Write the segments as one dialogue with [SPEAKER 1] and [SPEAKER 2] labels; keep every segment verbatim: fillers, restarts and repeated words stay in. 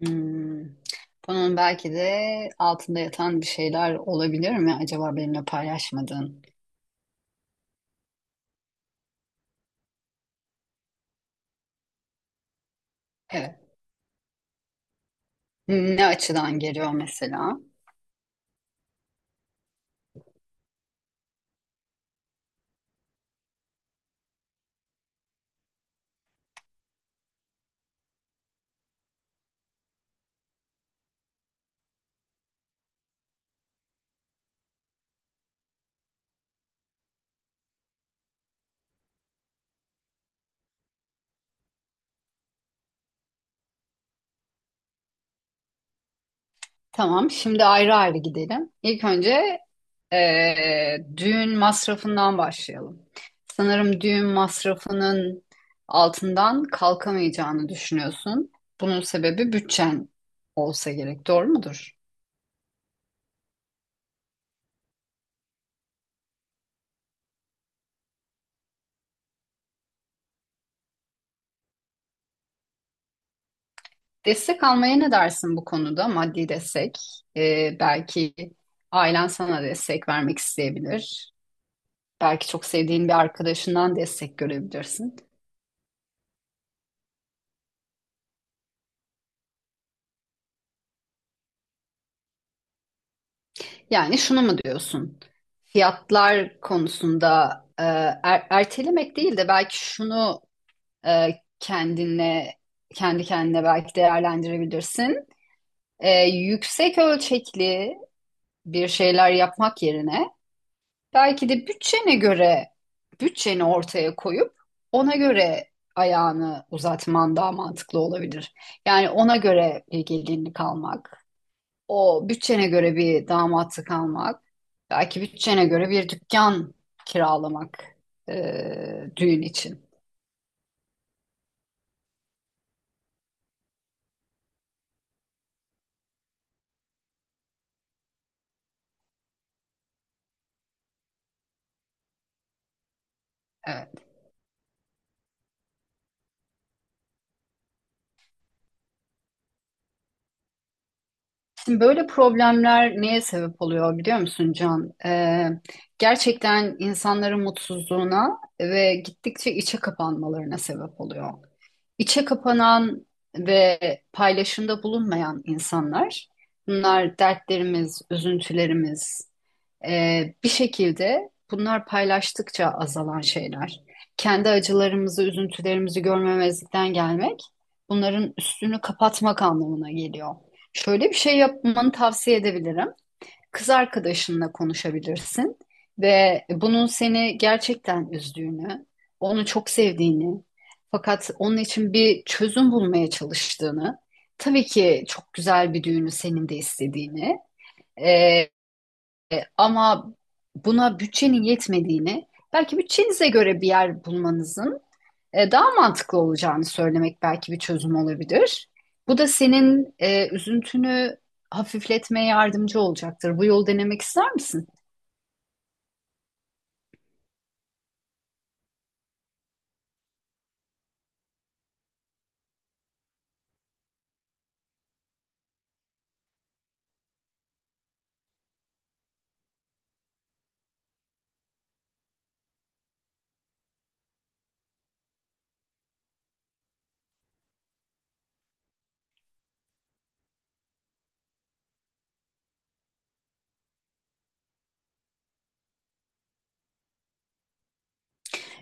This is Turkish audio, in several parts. [SPEAKER 1] Hmm. Bunun belki de altında yatan bir şeyler olabilir mi acaba benimle paylaşmadığın? Evet. Ne açıdan geliyor mesela? Tamam, şimdi ayrı ayrı gidelim. İlk önce eee, düğün masrafından başlayalım. Sanırım düğün masrafının altından kalkamayacağını düşünüyorsun. Bunun sebebi bütçen olsa gerek, doğru mudur? Destek almaya ne dersin bu konuda? Maddi destek. Ee, belki ailen sana destek vermek isteyebilir. Belki çok sevdiğin bir arkadaşından destek görebilirsin. Yani şunu mu diyorsun? Fiyatlar konusunda e, er- ertelemek değil de belki şunu e, kendine kendi kendine belki değerlendirebilirsin. E, yüksek ölçekli bir şeyler yapmak yerine belki de bütçene göre bütçeni ortaya koyup ona göre ayağını uzatman daha mantıklı olabilir. Yani ona göre bir gelinlik almak, o bütçene göre bir damatlık almak, belki bütçene göre bir dükkan kiralamak e, düğün için. Evet. Şimdi böyle problemler neye sebep oluyor biliyor musun, Can? E, gerçekten insanların mutsuzluğuna ve gittikçe içe kapanmalarına sebep oluyor. İçe kapanan ve paylaşımda bulunmayan insanlar, bunlar dertlerimiz, üzüntülerimiz, ee, bir şekilde bunlar paylaştıkça azalan şeyler. Kendi acılarımızı, üzüntülerimizi görmemezlikten gelmek bunların üstünü kapatmak anlamına geliyor. Şöyle bir şey yapmanı tavsiye edebilirim: kız arkadaşınla konuşabilirsin ve bunun seni gerçekten üzdüğünü, onu çok sevdiğini, fakat onun için bir çözüm bulmaya çalıştığını, tabii ki çok güzel bir düğünü senin de istediğini, e, ama buna bütçenin yetmediğini, belki bütçenize göre bir yer bulmanızın e, daha mantıklı olacağını söylemek belki bir çözüm olabilir. Bu da senin e, üzüntünü hafifletmeye yardımcı olacaktır. Bu yolu denemek ister misin?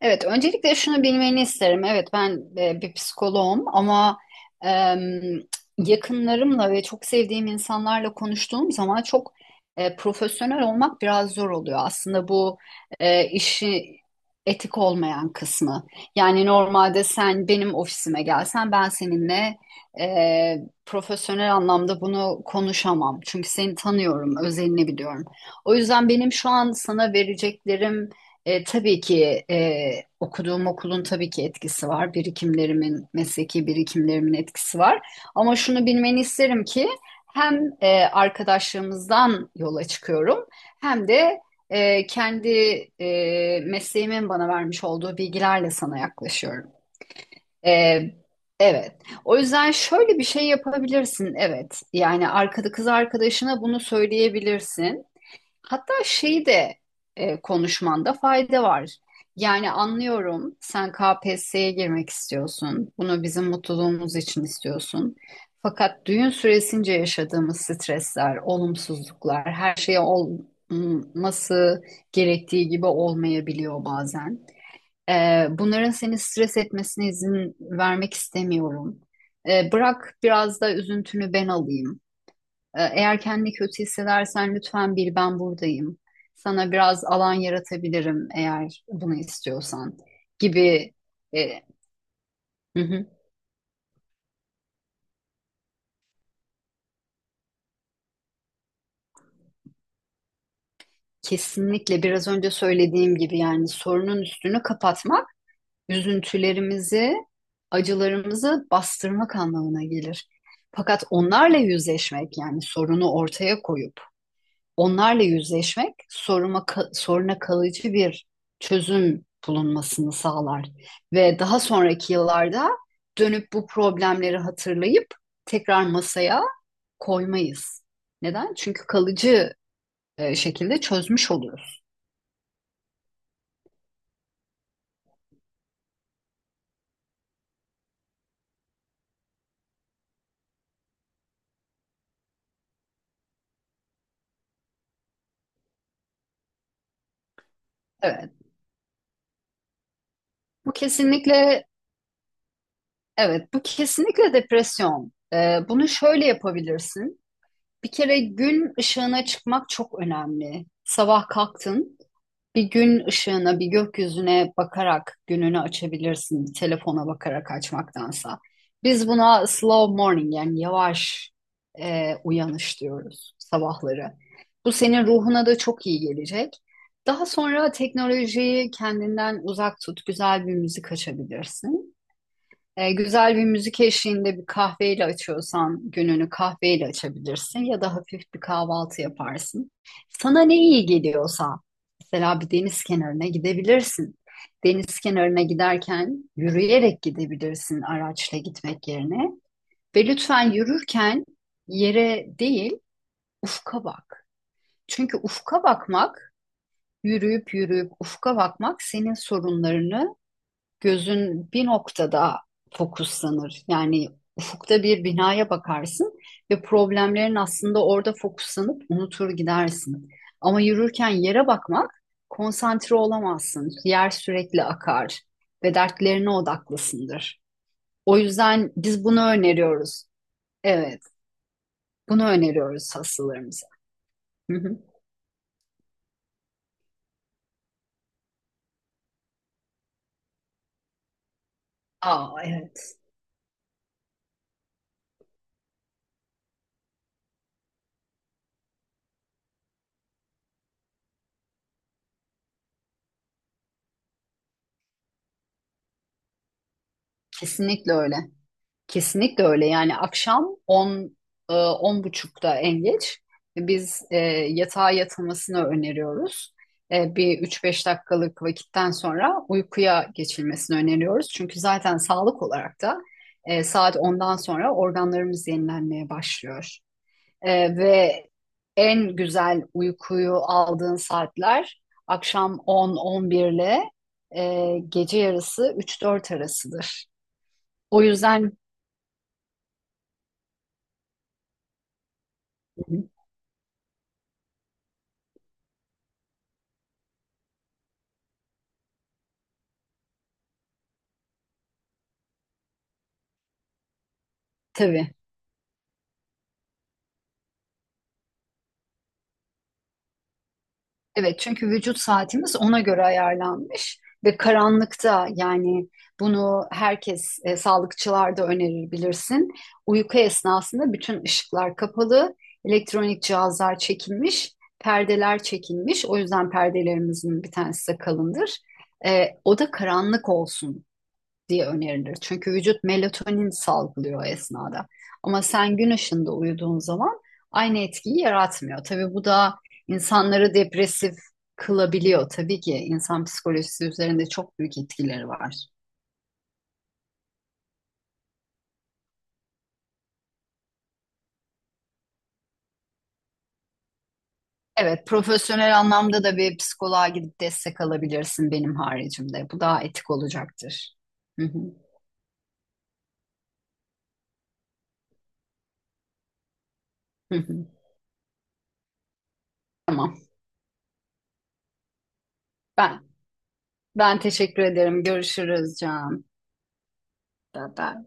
[SPEAKER 1] Evet, öncelikle şunu bilmeni isterim. Evet, ben e, bir psikoloğum ama em, yakınlarımla ve çok sevdiğim insanlarla konuştuğum zaman çok e, profesyonel olmak biraz zor oluyor. Aslında bu e, işi etik olmayan kısmı. Yani normalde sen benim ofisime gelsen ben seninle e, profesyonel anlamda bunu konuşamam. Çünkü seni tanıyorum, özelini biliyorum. O yüzden benim şu an sana vereceklerim e, tabii ki e, okuduğum okulun tabii ki etkisi var. Birikimlerimin, mesleki birikimlerimin etkisi var. Ama şunu bilmeni isterim ki hem e, arkadaşlığımızdan yola çıkıyorum hem de e, kendi e, mesleğimin bana vermiş olduğu bilgilerle sana yaklaşıyorum. E, evet. O yüzden şöyle bir şey yapabilirsin. Evet. Yani arkada kız arkadaşına bunu söyleyebilirsin. Hatta şeyi de e, konuşmanda fayda var. Yani anlıyorum, sen K P S S'ye girmek istiyorsun. Bunu bizim mutluluğumuz için istiyorsun. Fakat düğün süresince yaşadığımız stresler, olumsuzluklar, her şey olması gerektiği gibi olmayabiliyor bazen. E, bunların seni stres etmesine izin vermek istemiyorum. E, bırak biraz da üzüntünü ben alayım. E, Eğer kendini kötü hissedersen lütfen bil, ben buradayım. Sana biraz alan yaratabilirim eğer bunu istiyorsan gibi. E, hı hı. Kesinlikle biraz önce söylediğim gibi yani sorunun üstünü kapatmak üzüntülerimizi, acılarımızı bastırmak anlamına gelir. Fakat onlarla yüzleşmek yani sorunu ortaya koyup onlarla yüzleşmek soruma, ka- soruna kalıcı bir çözüm bulunmasını sağlar. Ve daha sonraki yıllarda dönüp bu problemleri hatırlayıp tekrar masaya koymayız. Neden? Çünkü kalıcı e, şekilde çözmüş oluyoruz. Evet. Bu kesinlikle Evet, bu kesinlikle depresyon. Ee, bunu şöyle yapabilirsin. Bir kere gün ışığına çıkmak çok önemli. Sabah kalktın, bir gün ışığına, bir gökyüzüne bakarak gününü açabilirsin, bir telefona bakarak açmaktansa. Biz buna slow morning yani yavaş e, uyanış diyoruz sabahları. Bu senin ruhuna da çok iyi gelecek. Daha sonra teknolojiyi kendinden uzak tut, güzel bir müzik açabilirsin. E, güzel bir müzik eşliğinde bir kahveyle açıyorsan gününü kahveyle açabilirsin ya da hafif bir kahvaltı yaparsın. Sana ne iyi geliyorsa mesela bir deniz kenarına gidebilirsin. Deniz kenarına giderken yürüyerek gidebilirsin araçla gitmek yerine ve lütfen yürürken yere değil ufka bak. Çünkü ufka bakmak, yürüyüp yürüyüp ufka bakmak senin sorunlarını, gözün bir noktada fokuslanır. Yani ufukta bir binaya bakarsın ve problemlerin aslında orada fokuslanıp unutur gidersin. Ama yürürken yere bakmak konsantre olamazsın. Yer sürekli akar ve dertlerine odaklısındır. O yüzden biz bunu öneriyoruz. Evet, bunu öneriyoruz hastalarımıza. Hı hı. Aa, evet, kesinlikle öyle. Kesinlikle öyle. Yani akşam on e, on buçukta en geç biz e, yatağa yatılmasını öneriyoruz. E, bir üç beş dakikalık vakitten sonra uykuya geçilmesini öneriyoruz. Çünkü zaten sağlık olarak da e, saat ondan sonra organlarımız yenilenmeye başlıyor. E, ve en güzel uykuyu aldığın saatler akşam on 11 ile e, gece yarısı üç dört arasıdır. O yüzden tabii. Evet çünkü vücut saatimiz ona göre ayarlanmış ve karanlıkta yani bunu herkes, e, sağlıkçılar da önerir bilirsin. Uyku esnasında bütün ışıklar kapalı, elektronik cihazlar çekilmiş, perdeler çekilmiş. O yüzden perdelerimizin bir tanesi de kalındır. E, oda karanlık olsun diye önerilir. Çünkü vücut melatonin salgılıyor o esnada. Ama sen gün ışığında uyuduğun zaman aynı etkiyi yaratmıyor. Tabii bu da insanları depresif kılabiliyor. Tabii ki insan psikolojisi üzerinde çok büyük etkileri var. Evet, profesyonel anlamda da bir psikoloğa gidip destek alabilirsin benim haricimde. Bu daha etik olacaktır. Hı hı, hı hı. Tamam. Ben Ben teşekkür ederim. Görüşürüz Can. Bye bye.